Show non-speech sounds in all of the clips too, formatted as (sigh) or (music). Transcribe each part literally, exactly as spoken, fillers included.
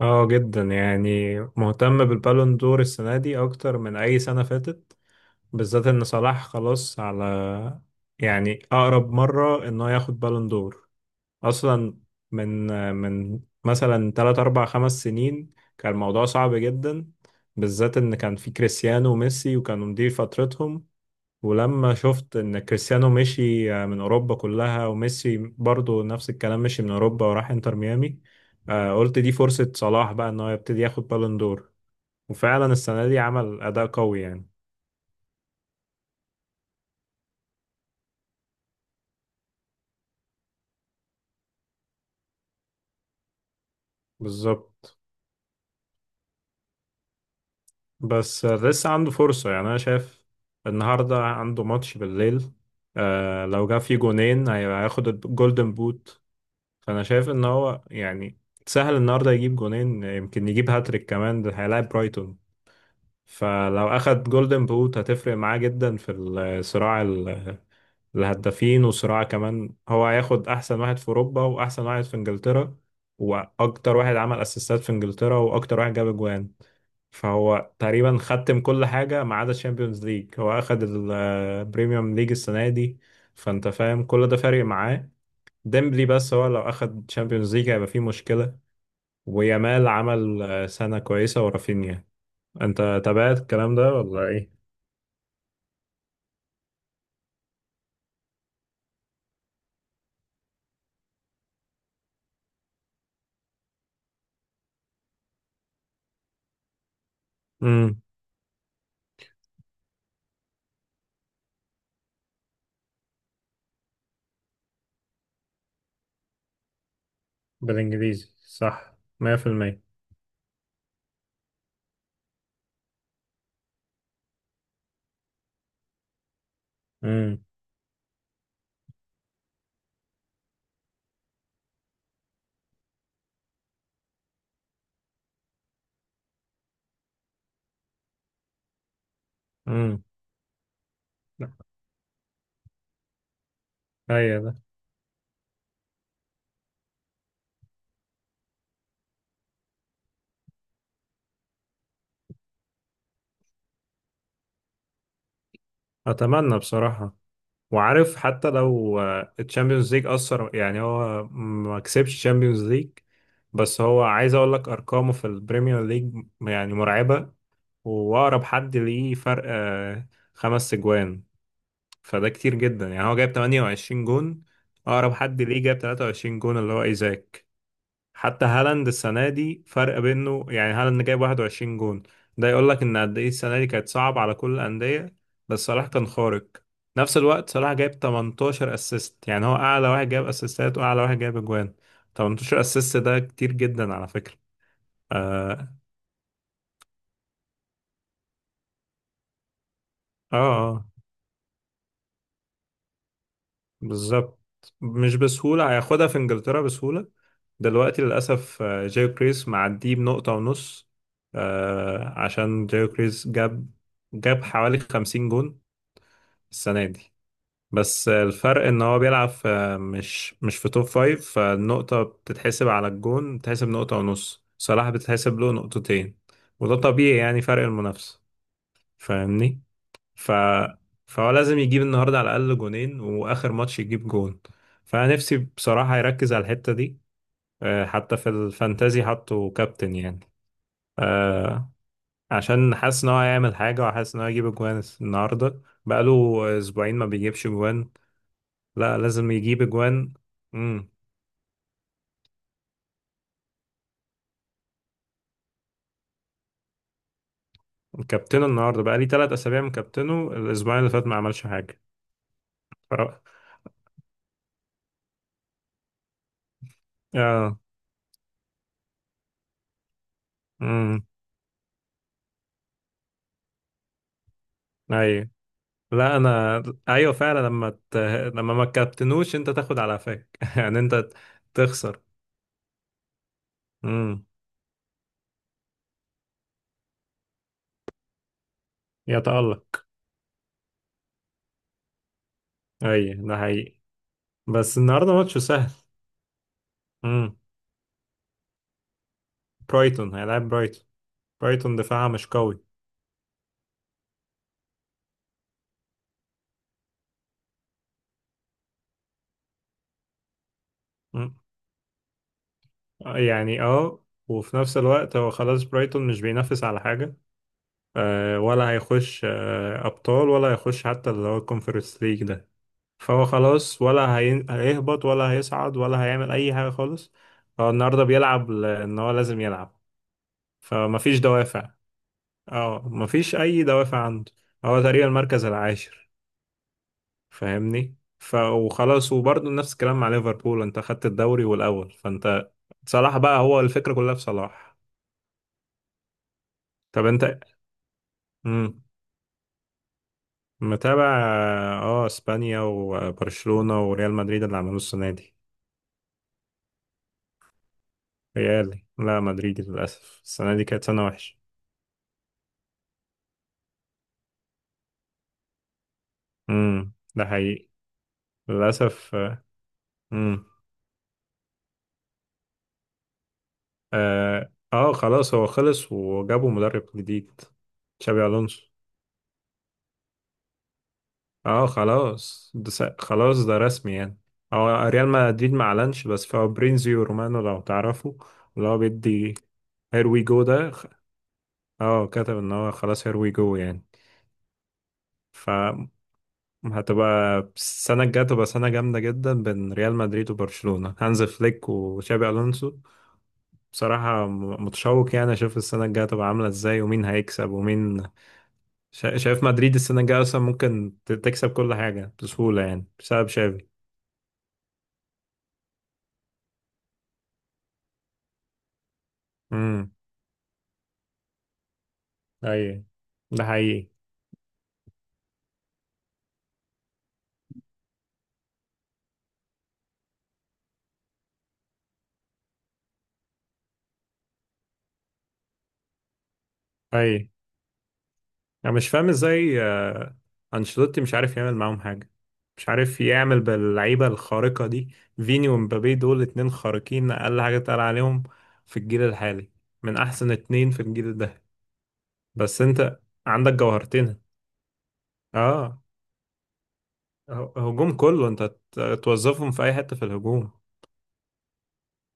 اه، جدا يعني مهتم بالبالون دور السنة دي أكتر من أي سنة فاتت، بالذات إن صلاح خلاص على، يعني أقرب مرة إنه ياخد بالون دور أصلا. من من مثلا تلات أربع خمس سنين كان الموضوع صعب جدا، بالذات إن كان في كريستيانو وميسي وكانوا مدير فترتهم. ولما شفت ان كريستيانو مشي، آه، من اوروبا كلها، وميسي برضو نفس الكلام مشي من اوروبا وراح انتر ميامي. آه، قلت دي فرصة صلاح بقى ان هو يبتدي ياخد بالون دور. وفعلا السنة دي عمل اداء قوي يعني. بالظبط. بس آه، لسه عنده فرصة، يعني انا شايف النهاردة عنده ماتش بالليل. آه، لو جاب فيه جونين هي- هياخد الجولدن بوت. فانا شايف ان هو يعني سهل النهارده يجيب جونين، يمكن يجيب هاتريك كمان، ده هيلاعب برايتون. فلو أخد جولدن بوت هتفرق معاه جدا في الصراع، ال- الهدافين، وصراع كمان هو هياخد أحسن واحد في أوروبا وأحسن واحد في إنجلترا وأكتر واحد عمل أسيستات في إنجلترا وأكتر واحد جاب أجوان. فهو تقريبا ختم كل حاجة ما عدا الشامبيونز ليج، هو أخد البريميوم ليج السنة دي. فأنت فاهم كل ده فارق معاه ديمبلي. بس هو لو أخد تشامبيونز ليج هيبقى فيه مشكلة. ويامال عمل آه، سنة كويسة ورافينيا. أنت تابعت الكلام ده ولا إيه؟ امم. بالانجليزي صح. مية في المية. امم. امم. ايوه ده. اتمنى بصراحة. وعارف حتى لو الشامبيونز ليج اثر، يعني هو ما كسبش الشامبيونز ليج، بس هو عايز اقول لك ارقامه في البريمير ليج يعني مرعبة. واقرب حد ليه فرق، آه، خمس اجوان. فده كتير جدا، يعني هو جايب 28 جون. اقرب حد ليه جاب 23 جون اللي هو ايزاك. حتى هالاند السنة دي فرق بينه، يعني هالاند جايب 21 جون. ده يقول لك ان قد ايه السنة دي كانت صعبة على كل الأندية، بس صلاح كان خارق. نفس الوقت صلاح جايب 18 اسيست، يعني هو اعلى واحد جايب اسيستات واعلى واحد جايب اجوان. 18 اسيست ده كتير جدا على فكرة. اه، اه، آه. بالظبط. مش بسهولة، هياخدها في انجلترا بسهولة. دلوقتي للأسف آه، جايو كريس معديه بنقطة ونص. آه، عشان جايو كريس جاب، جاب حوالي 50 جون السنة دي. بس الفرق ان هو بيلعب في مش مش في توب فايف، فالنقطة بتتحسب على الجون بتتحسب نقطة ونص، صلاح بتتحسب له نقطتين. وده طبيعي يعني فرق المنافسة. فاهمني. ف فهو لازم يجيب النهاردة على الأقل جونين وآخر ماتش يجيب جون. فأنا نفسي بصراحة يركز على الحتة دي. آه، حتى في الفانتازي حطه كابتن يعني. آه، عشان حاسس ان هو هيعمل حاجة، وحاسس ان هو هيجيب اجوان النهاردة، بقاله أسبوعين ما بيجيبش جوان. لا لازم يجيب اجوان. امم. كابتنه النهارده بقى لي ثلاث اسابيع مكابتنه، الاسبوعين اللي فات ما عملش حاجه. ف... اه. امم. ايوه. لا انا. ايوه فعلا لما ت... لما ما كابتنوش انت تاخد على قفاك (laughs) يعني انت تخسر. امم. يتألق. ايوه ده حقيقي. بس النهارده ماتش سهل. امم. برايتون هيلعب برايتون. برايتون دفاعها مش قوي. مم. يعني اه، وفي نفس الوقت هو خلاص برايتون مش بينافس على حاجة، آه، ولا هيخش آه، أبطال، ولا هيخش حتى اللي هو الكونفرنس ليج ده. فهو خلاص، ولا هي- هيهبط ولا هيصعد ولا هيعمل أي حاجة خالص. هو النهاردة بيلعب لأن هو لازم يلعب. فمفيش دوافع. اه مفيش أي دوافع عنده. هو تقريبا المركز العاشر. فاهمني. ف وخلاص، وبرضه نفس الكلام مع ليفربول، انت خدت الدوري والأول فانت. صلاح بقى هو الفكرة كلها في صلاح. طب انت. مم. متابع. اه، اسبانيا وبرشلونة وريال مدريد اللي عملوه السنة دي. ريال، لا مدريد، للأسف السنة دي كانت سنة وحشة. امم، ده حقيقي. للأسف. امم. اه آه، خلاص هو خلص وجابوا مدرب جديد، تشابي ألونسو. اه خلاص ده س- خلاص ده رسمي يعني. هو ريال مدريد ما اعلنش، بس فابريزيو رومانو لو تعرفوا اللي هو بيدي هير وي جو، ده خ- اه كتب ان هو خلاص هير وي جو يعني. ف هتبقى السنة الجاية تبقى سنة جامدة جدا بين ريال مدريد وبرشلونة، هانز فليك وشابي ألونسو. بصراحة م- متشوق، يعني أشوف السنة الجاية تبقى عاملة إزاي ومين هيكسب ومين. شا- شايف مدريد السنة الجاية أصلا ممكن ت- تكسب كل حاجة بسهولة يعني بسبب شابي. امم. أي ده حقيقي. أي. انا مش فاهم ازاي، آه، انشيلوتي مش عارف يعمل معاهم حاجه، مش عارف يعمل باللعيبه الخارقه دي. فيني ومبابي دول اتنين خارقين، اقل حاجه تقال عليهم في الجيل الحالي، من احسن اتنين في الجيل ده. بس انت عندك جوهرتين. اه ه- هجوم كله، انت ت- توظفهم في اي حته في الهجوم.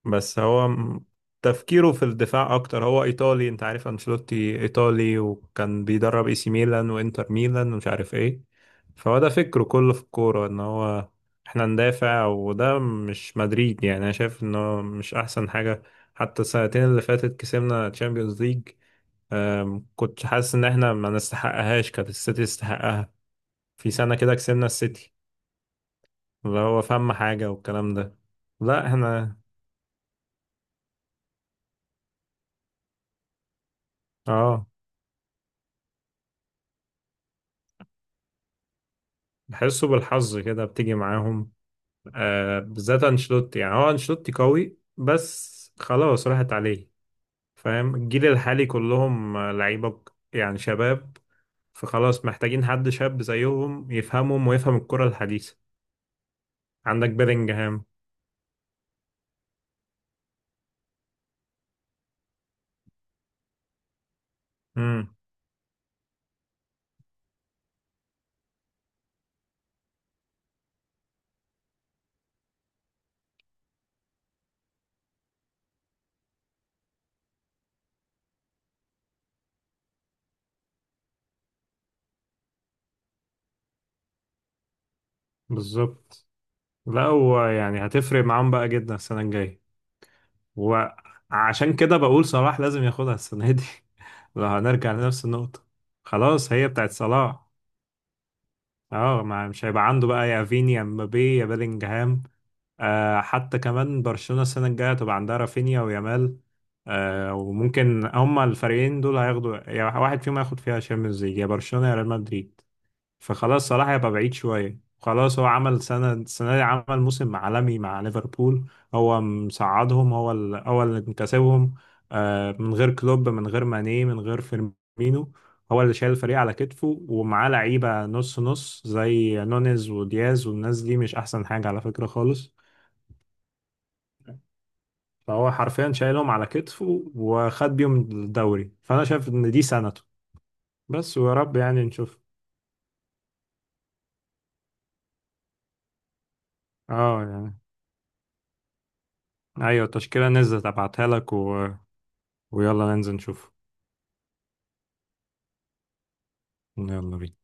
بس هو م- تفكيره في الدفاع اكتر، هو ايطالي، انت عارف انشيلوتي ايطالي وكان بيدرب اي سي ميلان وانتر ميلان ومش عارف ايه. فهو ده فكره كله في الكوره، ان هو احنا ندافع، وده مش مدريد، يعني انا شايف انه مش احسن حاجه. حتى السنتين اللي فاتت كسبنا تشامبيونز ليج. أم، كنت حاسس ان احنا ما نستحقهاش، كانت السيتي تستحقها. في سنه كده كسبنا السيتي اللي هو فهم حاجه والكلام ده. لا احنا. اه، بحسه بالحظ كده بتيجي معاهم، آه بالذات انشيلوتي، يعني هو انشيلوتي قوي بس خلاص راحت عليه. فاهم، الجيل الحالي كلهم آه، لعيبة ك- يعني شباب. فخلاص محتاجين حد شاب زيهم يفهمهم ويفهم الكرة الحديثة. عندك بيلينجهام. امم. بالظبط. لا هو يعني هتفرق معاهم بقى جدا السنة الجاية، وعشان كده بقول صلاح لازم ياخدها السنة دي. (laughs) لو هنرجع لنفس النقطة، خلاص هي بتاعت صلاح. اه، ما مش هيبقى عنده بقى يا فيني يا مبابي يا بيلينجهام. آه حتى كمان برشلونة السنة الجاية تبقى عندها رافينيا ويامال. آه، وممكن هما الفريقين دول هياخدوا، يا واحد فيهم هياخد فيها شامبيونز ليج، يا برشلونة يا ريال مدريد. فخلاص صلاح هيبقى بعيد شوية، خلاص هو عمل سنة السنة دي، عمل موسم عالمي مع ليفربول. هو مساعدهم، هو ال- هو اللي مكسبهم. آه، من غير كلوب من غير ماني من غير فيرمينو. هو اللي شايل الفريق على كتفه، ومعاه لعيبة نص نص زي نونيز ودياز والناس دي مش أحسن حاجة على فكرة خالص. فهو حرفيا شايلهم على كتفه وخد بيهم الدوري، فأنا شايف إن دي سنته. بس ويا رب يعني نشوف. اه يعني. ايوه التشكيلة نزلت ابعتها لك، ويلا ننزل نشوف. يلا بينا.